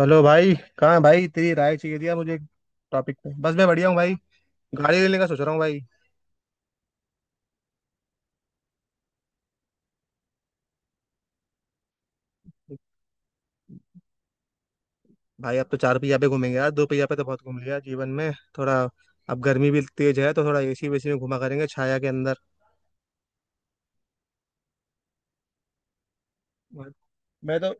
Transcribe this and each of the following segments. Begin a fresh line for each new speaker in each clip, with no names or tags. Hello भाई। कहाँ है भाई? तेरी राय चाहिए थी यार मुझे टॉपिक पे। बस मैं बढ़िया हूँ भाई। गाड़ी लेने का सोच रहा हूँ भाई। भाई अब तो चार पहिया पे घूमेंगे यार, दो पहिया पे तो बहुत घूम लिया जीवन में। थोड़ा अब गर्मी भी तेज है तो थोड़ा एसी वेसी में घुमा करेंगे छाया के अंदर। मैं तो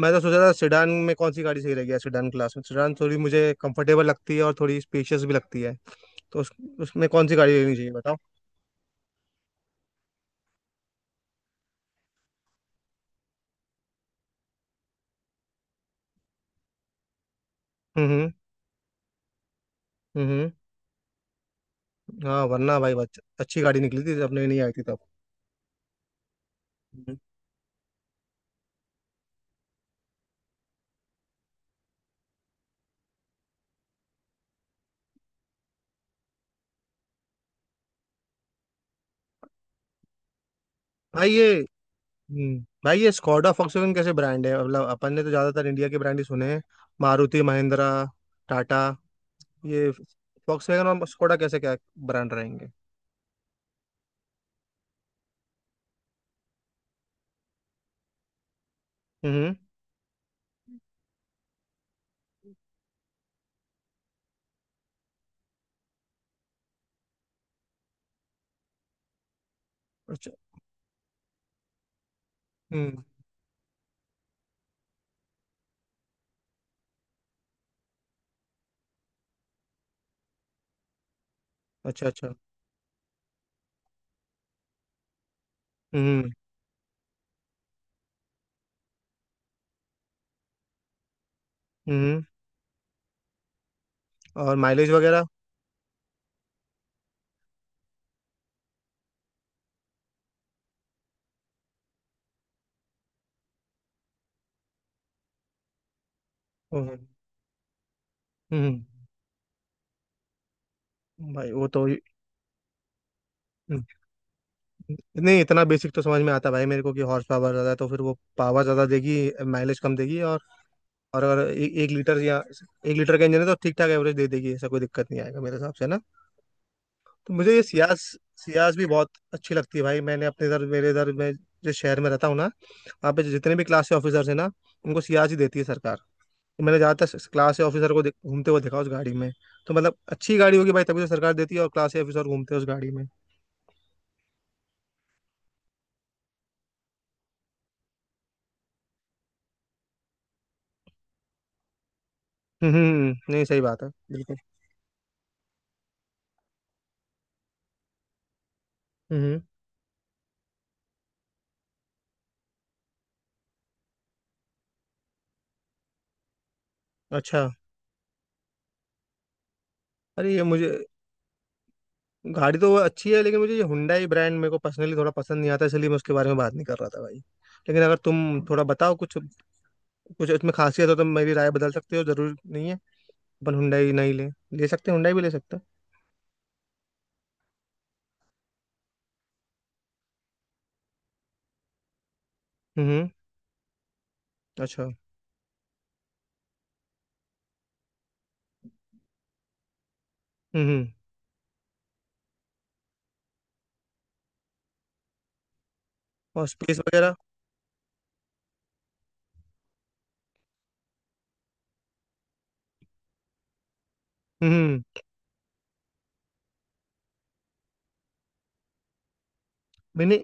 मैं तो सोच रहा था सेडान में कौन सी गाड़ी सही रहेगी यार। सेडान क्लास में सेडान थोड़ी मुझे कंफर्टेबल लगती है और थोड़ी स्पेशियस भी लगती है। तो उसमें कौन सी गाड़ी लेनी चाहिए बताओ। हम्म। हम्म। हम्म। हम्म। हाँ वरना भाई अच्छी गाड़ी निकली थी, अपने नहीं आई थी तब। हम्म। भाई ये भाई ये स्कॉडा फॉक्सवैगन कैसे ब्रांड है? मतलब अपन ने तो ज्यादातर इंडिया के ब्रांड ही सुने हैं, मारुति महिंद्रा टाटा। ये फॉक्सवैगन और स्कॉडा कैसे क्या ब्रांड रहेंगे? हम्म। अच्छा। हम्म। अच्छा अच्छा। हम्म। हम्म। और माइलेज वगैरह? हम्म। हम्म, भाई वो तो हम्म, नहीं इतना बेसिक तो समझ में आता है भाई मेरे को कि हॉर्स पावर ज़्यादा है तो फिर वो पावर ज़्यादा देगी, माइलेज कम देगी। और अगर एक लीटर या 1 लीटर का इंजन है तो ठीक ठाक एवरेज दे देगी, ऐसा कोई दिक्कत नहीं आएगा मेरे हिसाब से ना। तो मुझे ये सियास सियास भी बहुत अच्छी लगती है भाई। मैंने अपने इधर मेरे इधर मैं जिस शहर में रहता हूँ ना, वहाँ पे जितने भी क्लास के ऑफिसर्स हैं ना, उनको सियास ही देती है सरकार। तो मैंने ज़्यादातर क्लास के ऑफिसर को घूमते हुए देखा उस गाड़ी में। तो मतलब अच्छी गाड़ी होगी भाई, तभी तो सरकार देती है और क्लास के ऑफिसर घूमते हैं उस गाड़ी में। हम्म। हम्म। हम्म। नहीं सही बात है बिल्कुल। हम्म। हम्म। अच्छा। अरे ये मुझे गाड़ी तो वो अच्छी है, लेकिन मुझे ये हुंडई ब्रांड मेरे को पर्सनली थोड़ा पसंद नहीं आता, इसलिए मैं उसके बारे में बात नहीं कर रहा था भाई। लेकिन अगर तुम थोड़ा बताओ कुछ कुछ इसमें खासियत हो तो मेरी राय बदल सकते हो, जरूर नहीं है। अपन हुंडई नहीं ले, ले सकते हैं, हुंडई भी ले सकते हैं। हम्म। अच्छा। हम्म। और स्पेस वगैरह? हम्म। मैंने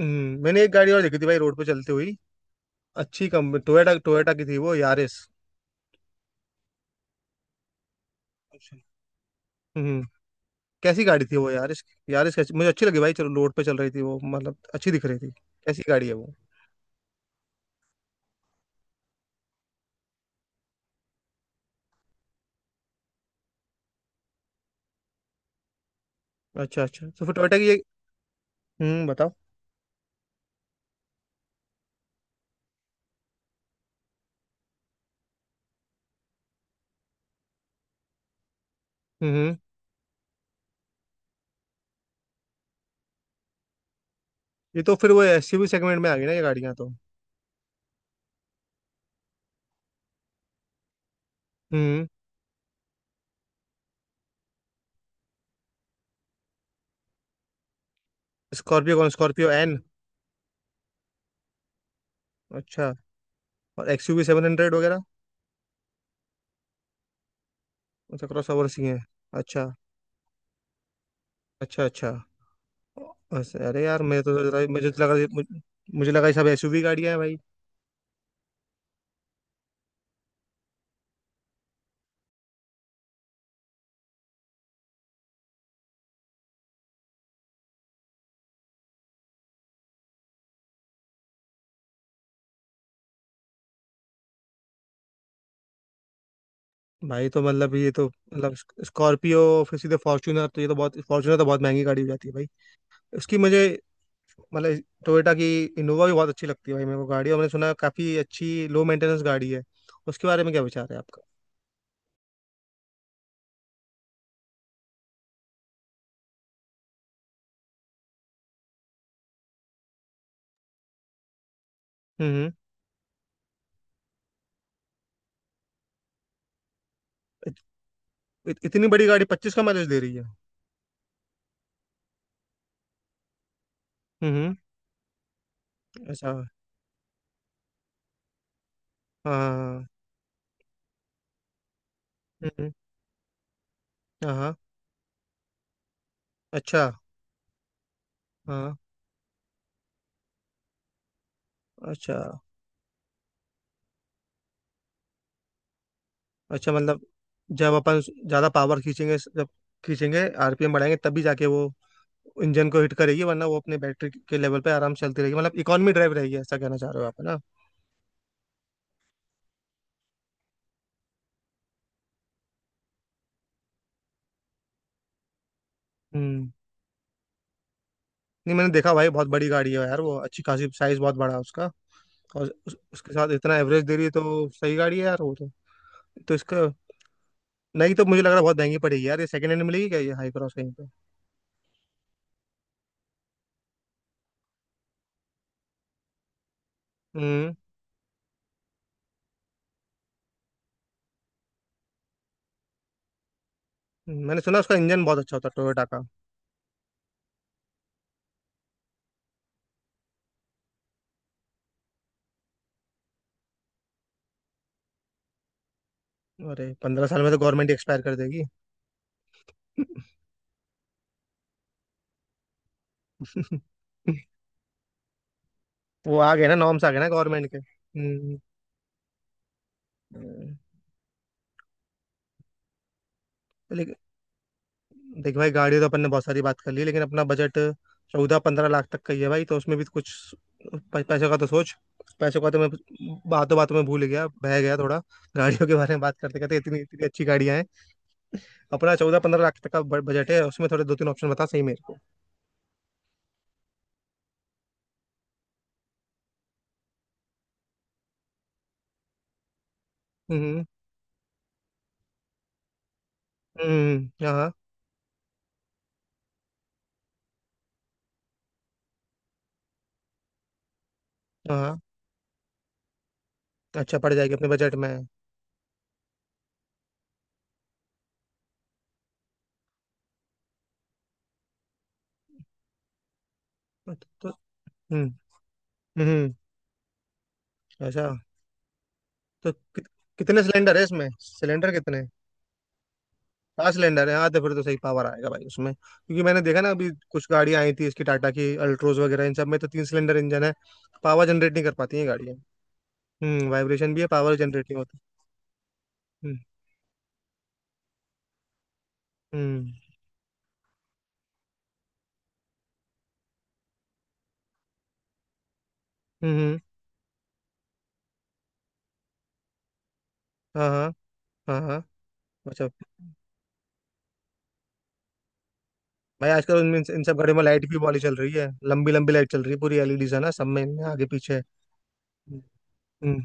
मैंने एक गाड़ी और देखी थी भाई रोड पे चलती हुई, अच्छी कंपनी। टोयोटा, टोयोटा की थी वो, यारिस। अच्छा। हम्म। कैसी गाड़ी थी वो यारिस? यारिस कैसी मुझे अच्छी लगी भाई, चलो रोड पे चल रही थी वो, मतलब अच्छी दिख रही थी। कैसी गाड़ी है वो? अच्छा अच्छा। तो फिर टोयोटा की ये, बताओ। हम्म। ये तो फिर वो SUV सेगमेंट में आ गई ना ये गाड़ियाँ तो? हम्म। स्कॉर्पियो कौन? Scorpio N? अच्छा। और XUV 700 वगैरह? अच्छा, क्रॉस ओवर सी हैं। अच्छा अच्छा। अच्छा। बस अरे यार, मैं तो सोच रहा, मुझे तो लगा, मुझे लगा ये सब SUV गाड़ियां हैं भाई। भाई तो मतलब ये तो मतलब स्कॉर्पियो फिर सीधे फॉर्च्यूनर, तो ये तो बहुत, फॉर्च्यूनर तो बहुत महंगी गाड़ी हो जाती है भाई। उसकी मुझे मतलब टोयोटा की इनोवा भी बहुत अच्छी लगती है भाई मेरे को गाड़ी, और मैंने सुना है काफी अच्छी लो मेंटेनेंस गाड़ी है, उसके बारे में क्या विचार है आपका? हम्म। हम्म। इत, इत, इतनी बड़ी गाड़ी 25 का माइलेज दे रही है? हम्म। हम्म। अच्छा। हाँ। हाँ हाँ। हम्म। हम्म। हाँ हाँ। अच्छा। हाँ। अच्छा अच्छा। मतलब जब अपन ज़्यादा पावर खींचेंगे, RPM बढ़ाएंगे तभी जाके वो इंजन को हिट करेगी, वरना वो अपने बैटरी के लेवल पे आराम से चलती रहेगी, मतलब इकोनॉमी ड्राइव रहेगी। ऐसा कहना चाह रहे हो आप, है ना? हम्म। नहीं मैंने देखा भाई, बहुत बड़ी गाड़ी है यार वो, अच्छी खासी साइज बहुत बड़ा है उसका। और उसके साथ इतना एवरेज दे रही है तो सही गाड़ी है यार वो तो। तो इसका नहीं, तो मुझे लग रहा है बहुत महंगी पड़ेगी यार ये। सेकंड हैंड मिलेगी क्या ये हाई क्रॉस कहीं पे? हम्म। मैंने सुना उसका इंजन बहुत अच्छा होता है टोयोटा का। अरे 15 साल में तो गवर्नमेंट एक्सपायर कर देगी। वो आ गए ना नॉर्म्स, आ गए ना गवर्नमेंट के। हम्म। हम्म। तो लेकिन देख भाई, गाड़ी तो अपन ने बहुत सारी बात कर ली लेकिन अपना बजट 14-15 लाख तक का ही है भाई, तो उसमें भी तो कुछ। पैसों का तो सोच, पैसों का तो मैं बातों बातों में भूल गया, बह गया थोड़ा गाड़ियों के बारे में बात करते करते। इतनी इतनी अच्छी गाड़ियां हैं। अपना 14-15 लाख तक का बजट है, उसमें थोड़े दो तीन ऑप्शन बता सही मेरे को। हम्म। हम्म। हाँ हाँ। हाँ। अच्छा, पड़ जाएगी अपने बजट में। तो तो, हम्म। हम्म। अच्छा। तो कितने सिलेंडर है इसमें? सिलेंडर कितने? हाँ, सिलेंडर है। हाँ तो फिर तो सही पावर आएगा भाई उसमें, क्योंकि मैंने देखा ना अभी कुछ गाड़ियां आई थी इसकी टाटा की, अल्ट्रोज वगैरह, इन सब में तो तीन सिलेंडर इंजन है, पावर जनरेट नहीं कर पाती है गाड़ियाँ। हम्म, वाइब्रेशन भी है, पावर जनरेट नहीं होती। हम्म। हम्म। हम्म। हम्म। हाँ हाँ। हाँ हाँ। अच्छा। भाई आजकल उनमें इन इन सब गाड़ियों में लाइट भी वाली चल रही है, लंबी लंबी लाइट चल रही है, पूरी LEDs है ना सब में, इनमें आगे पीछे। हम्म।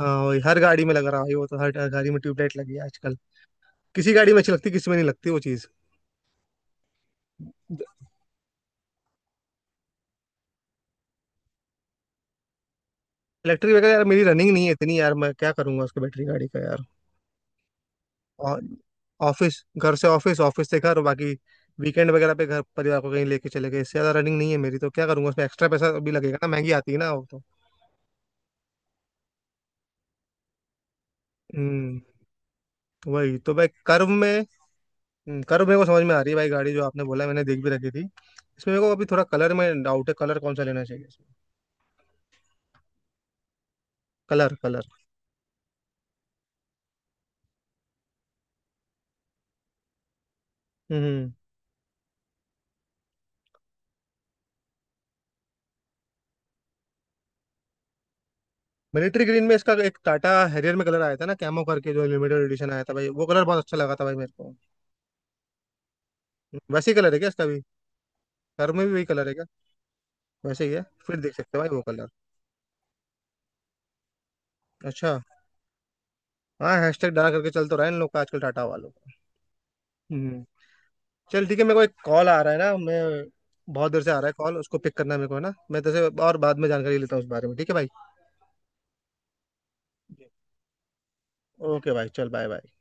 हाँ वही, हर गाड़ी में लग रहा है भाई वो तो, हर हर गाड़ी में ट्यूबलाइट लगी है आजकल। किसी गाड़ी में अच्छी लगती, किसी में नहीं लगती वो चीज़। इलेक्ट्रिक व्हीकल यार मेरी रनिंग नहीं है इतनी यार, मैं क्या करूंगा उसके, बैटरी गाड़ी का यार। और ऑफिस, घर से ऑफिस, ऑफिस से घर, बाकी वीकेंड वगैरह पे घर परिवार को कहीं लेके चले गए, इससे ज्यादा रनिंग नहीं है मेरी। तो क्या करूंगा उसमें? एक्स्ट्रा पैसा भी लगेगा ना, महंगी आती है ना वो तो। हम्म, वही तो भाई कर्व में। कर्व मेरे को समझ में आ रही है भाई गाड़ी जो आपने बोला, मैंने देख भी रखी थी। इसमें मेरे को अभी थोड़ा कलर में डाउट है, कलर कौन सा लेना चाहिए इसमें? Colour colour. हम्म। मिलिट्री ग्रीन में इसका एक टाटा हैरियर में कलर आया था ना कैमो करके, जो लिमिटेड एडिशन आया था भाई, वो कलर बहुत अच्छा लगा था भाई मेरे को। वैसे ही कलर है क्या इसका? कार में भी वही कलर है क्या? वैसे ही है फिर, देख सकते हैं भाई वो कलर। अच्छा। हाँ हैशटैग डाल करके चल तो रहा है इन लोग का आजकल टाटा वालों का। हम्म। चल ठीक है, मेरे को एक कॉल आ रहा है ना मैं, बहुत देर से आ रहा है कॉल, उसको पिक करना है मेरे को, है ना? मैं तेरे से और बाद में जानकारी लेता हूँ उस बारे में, ठीक है भाई। ओके भाई, चल बाय बाय।